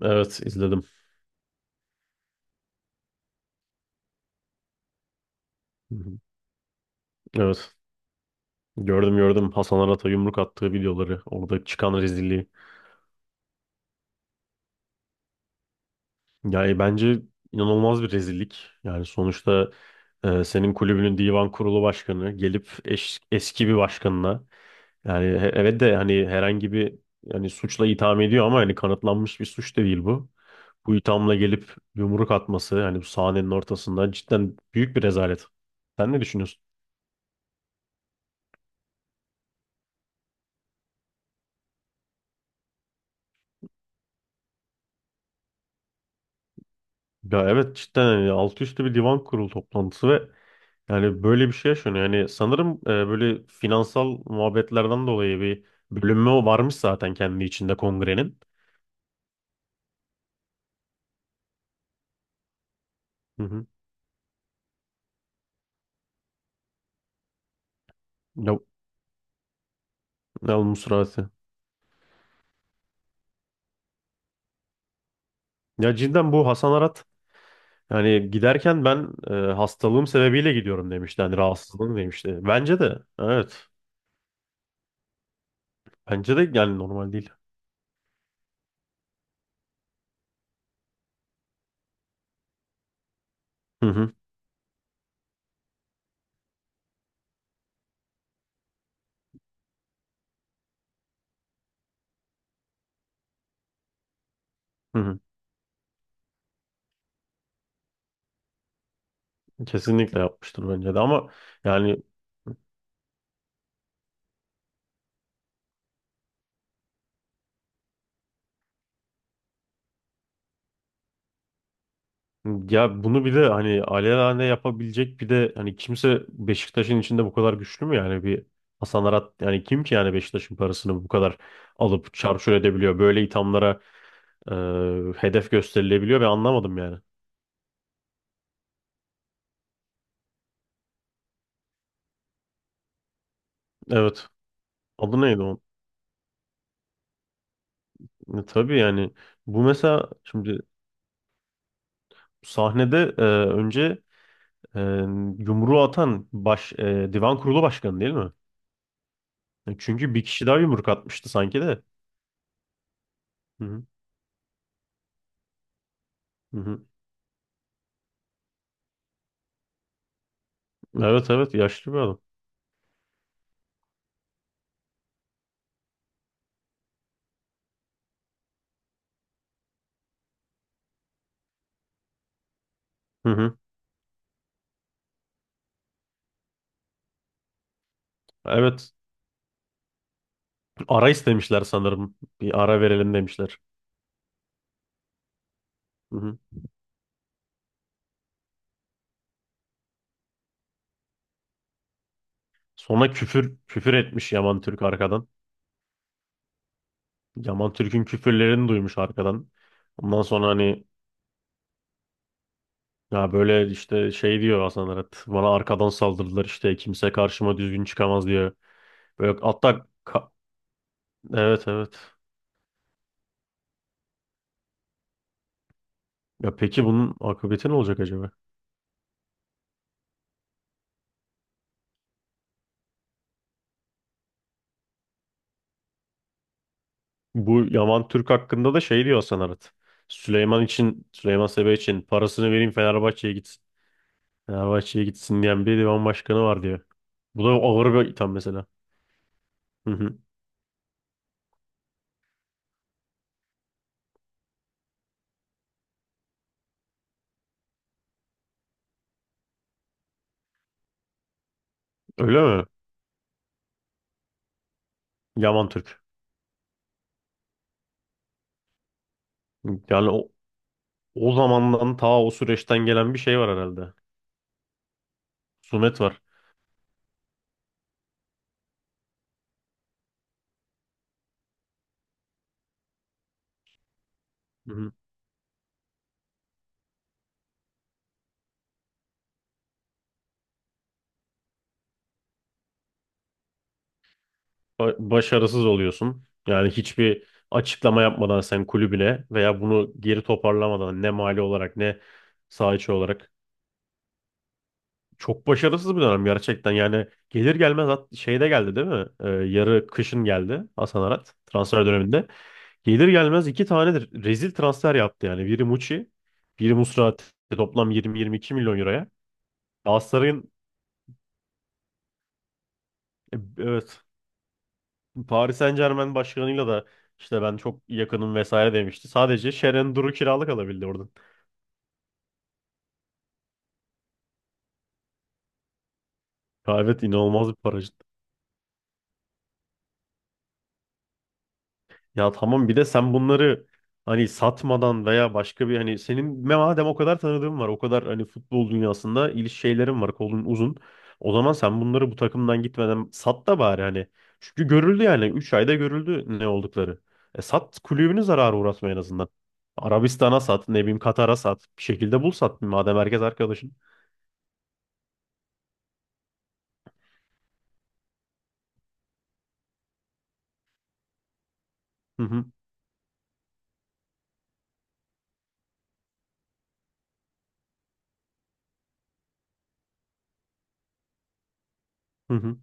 Evet, izledim. Hı hı. Evet. Gördüm gördüm Hasan Arat'a yumruk attığı videoları. Orada çıkan rezilliği. Yani bence inanılmaz bir rezillik. Yani sonuçta, senin kulübünün divan kurulu başkanı gelip eski bir başkanına yani evet de hani herhangi bir yani suçla itham ediyor ama hani kanıtlanmış bir suç da değil bu. Bu ithamla gelip yumruk atması hani bu sahnenin ortasında cidden büyük bir rezalet. Sen ne düşünüyorsun? Ya evet, cidden hani altı üstü bir divan kurulu toplantısı ve yani böyle bir şey yaşanıyor. Yani sanırım böyle finansal muhabbetlerden dolayı bir bölünme varmış zaten kendi içinde kongrenin. Hı hı. Ya, ya bu. Ya cidden bu Hasan Arat yani giderken ben, hastalığım sebebiyle gidiyorum demişti. Yani rahatsızlığım demişti. Bence de evet. Bence de yani normal değil. Hı hı. Hı hı. Kesinlikle yapmıştır bence de ama yani. Ya bunu bir de hani alelade yapabilecek bir de hani kimse Beşiktaş'ın içinde bu kadar güçlü mü yani bir Hasan Arat yani kim ki yani Beşiktaş'ın parasını bu kadar alıp çarçur edebiliyor, böyle ithamlara e, hedef gösterilebiliyor ve anlamadım yani. Evet, adı neydi o? Tabii yani bu mesela şimdi sahnede, önce, e, yumruğu atan divan kurulu başkanı değil mi? Çünkü bir kişi daha yumruk atmıştı sanki de. Hı hı, hı hı. Evet evet, yaşlı bir adam. Hı hı. Evet. Ara istemişler sanırım. Bir ara verelim demişler. Hı hı. Sonra küfür küfür etmiş Yaman Türk arkadan. Yaman Türk'ün küfürlerini duymuş arkadan. Ondan sonra hani ya böyle işte şey diyor Hasan Arat. Bana arkadan saldırdılar, işte kimse karşıma düzgün çıkamaz diyor. Böyle hatta evet evet. Ya peki bunun akıbeti ne olacak acaba? Bu Yaman Türk hakkında da şey diyor Hasan Arat. Süleyman Sebe için parasını vereyim Fenerbahçe'ye gitsin. Fenerbahçe'ye gitsin diyen bir divan başkanı var diyor. Bu da ağır bir itham mesela. Hı hı. Öyle mi? Yaman Türk. Yani o zamandan, ta o süreçten gelen bir şey var herhalde. Sumet var. Hı hı. Başarısız oluyorsun. Yani hiçbir açıklama yapmadan sen kulübüne, veya bunu geri toparlamadan, ne mali olarak ne saha içi olarak. Çok başarısız bir dönem gerçekten. Yani gelir gelmez şeyde geldi değil mi? Yarı kışın geldi Hasan Arat transfer döneminde. Gelir gelmez 2 tanedir rezil transfer yaptı yani. Biri Muçi, biri Musrati. Toplam 20-22 milyon euroya. Galatasaray'ın, evet, Paris Saint-Germain başkanıyla da işte ben çok yakınım vesaire demişti. Sadece Şeren Duru kiralık alabildi oradan. Ya evet, inanılmaz bir para. Ya tamam, bir de sen bunları hani satmadan, veya başka bir hani senin madem o kadar tanıdığın var, o kadar hani futbol dünyasında şeylerin var, kolun uzun. O zaman sen bunları bu takımdan gitmeden sat da bari hani. Çünkü görüldü yani 3 ayda görüldü ne oldukları. E sat, kulübünü zarara uğratma en azından. Arabistan'a sat, ne bileyim Katar'a sat, bir şekilde bul sat madem herkes arkadaşın. Hı hı, hı hı,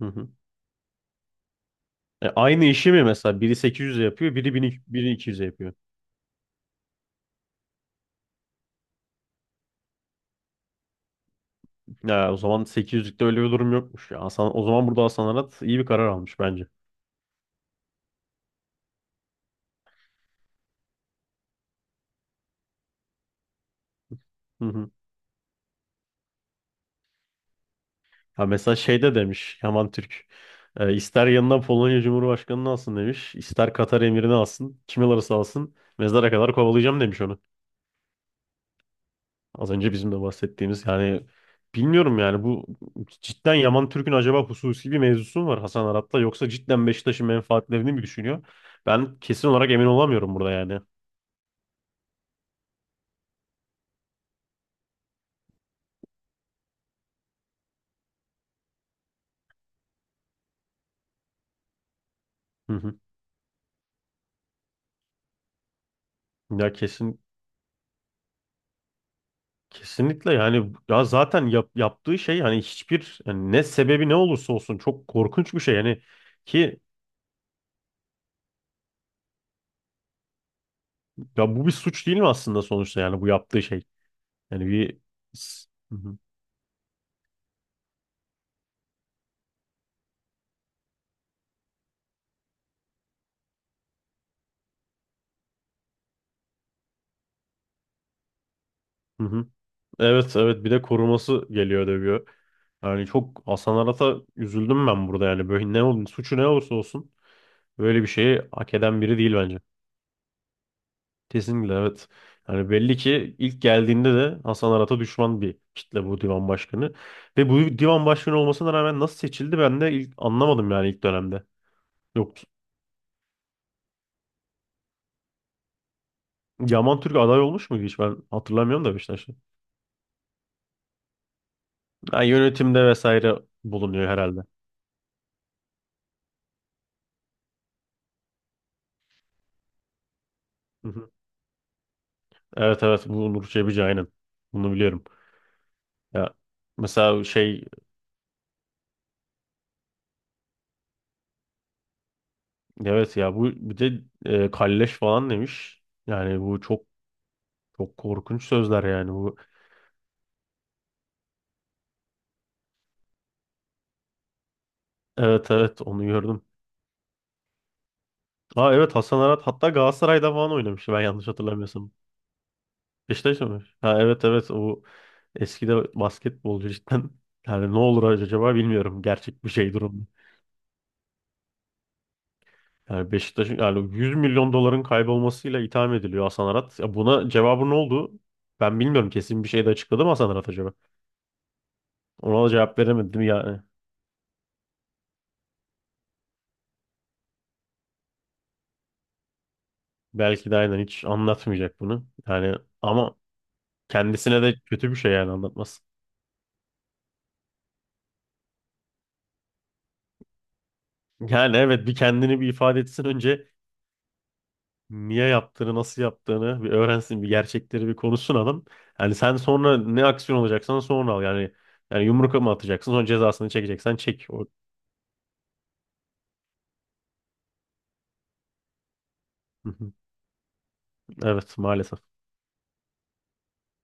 hı hı. E aynı işi mi mesela biri 800'e yapıyor, biri 1000 1200'e yapıyor. Ya o zaman 800'lükte öyle bir durum yokmuş ya. Hasan, o zaman burada Hasan Arat iyi bir karar almış bence. Hı hı. Ha mesela şeyde demiş Yaman Türk. İster yanına Polonya Cumhurbaşkanı'nı alsın demiş, ister Katar emirini alsın. Kim alırsa alsın. Mezara kadar kovalayacağım demiş onu. Az önce bizim de bahsettiğimiz yani, bilmiyorum yani bu cidden Yaman Türk'ün acaba hususi bir mevzusu mu var Hasan Arat'la, yoksa cidden Beşiktaş'ın menfaatlerini mi düşünüyor? Ben kesin olarak emin olamıyorum burada yani. Hı hı. Ya kesin, kesinlikle yani, ya zaten yaptığı şey hani hiçbir yani, ne sebebi ne olursa olsun çok korkunç bir şey yani, ki ya bu bir suç değil mi aslında sonuçta, yani bu yaptığı şey yani bir. Hı hı, hı hı. Evet evet, bir de koruması geliyor dövüyor, yani çok Hasan Arat'a üzüldüm ben burada yani, böyle ne olun suçu ne olursa olsun, böyle bir şeyi hak eden biri değil bence. Kesinlikle evet. Yani belli ki ilk geldiğinde de Hasan Arat'a düşman bir kitle bu divan başkanı. Ve bu divan başkanı olmasına rağmen nasıl seçildi, ben de ilk anlamadım yani ilk dönemde. Yok, Yaman Türk aday olmuş muydu hiç, ben hatırlamıyorum da Beşiktaş'ta. Yani yönetimde vesaire bulunuyor herhalde. Hı hı. Evet evet, bu Nur Çebici, aynen. Bunu biliyorum. Ya mesela şey, evet ya bu bir de kalleş falan demiş. Yani bu çok çok korkunç sözler yani bu. Evet evet, onu gördüm. Aa evet, Hasan Arat hatta Galatasaray'da falan oynamıştı ben yanlış hatırlamıyorsam. Beşiktaş'ta mı? Ha evet evet, o eski de basketbolcu cidden. Yani ne olur acaba bilmiyorum gerçek bir şey durum. Yani Beşiktaş'ın yani 100 milyon doların kaybolmasıyla itham ediliyor Hasan Arat. Ya buna cevabı ne oldu? Ben bilmiyorum, kesin bir şey de açıkladı mı Hasan Arat acaba? Ona da cevap veremedim yani. Belki de aynen hiç anlatmayacak bunu. Yani ama kendisine de kötü bir şey, yani anlatmaz. Yani evet, bir kendini bir ifade etsin önce, niye yaptığını, nasıl yaptığını bir öğrensin, bir gerçekleri bir konuşsun adam. Yani sen sonra ne aksiyon alacaksan sonra al. Yani yumruk mu atacaksın, sonra cezasını çekeceksen çek. O... Evet, maalesef.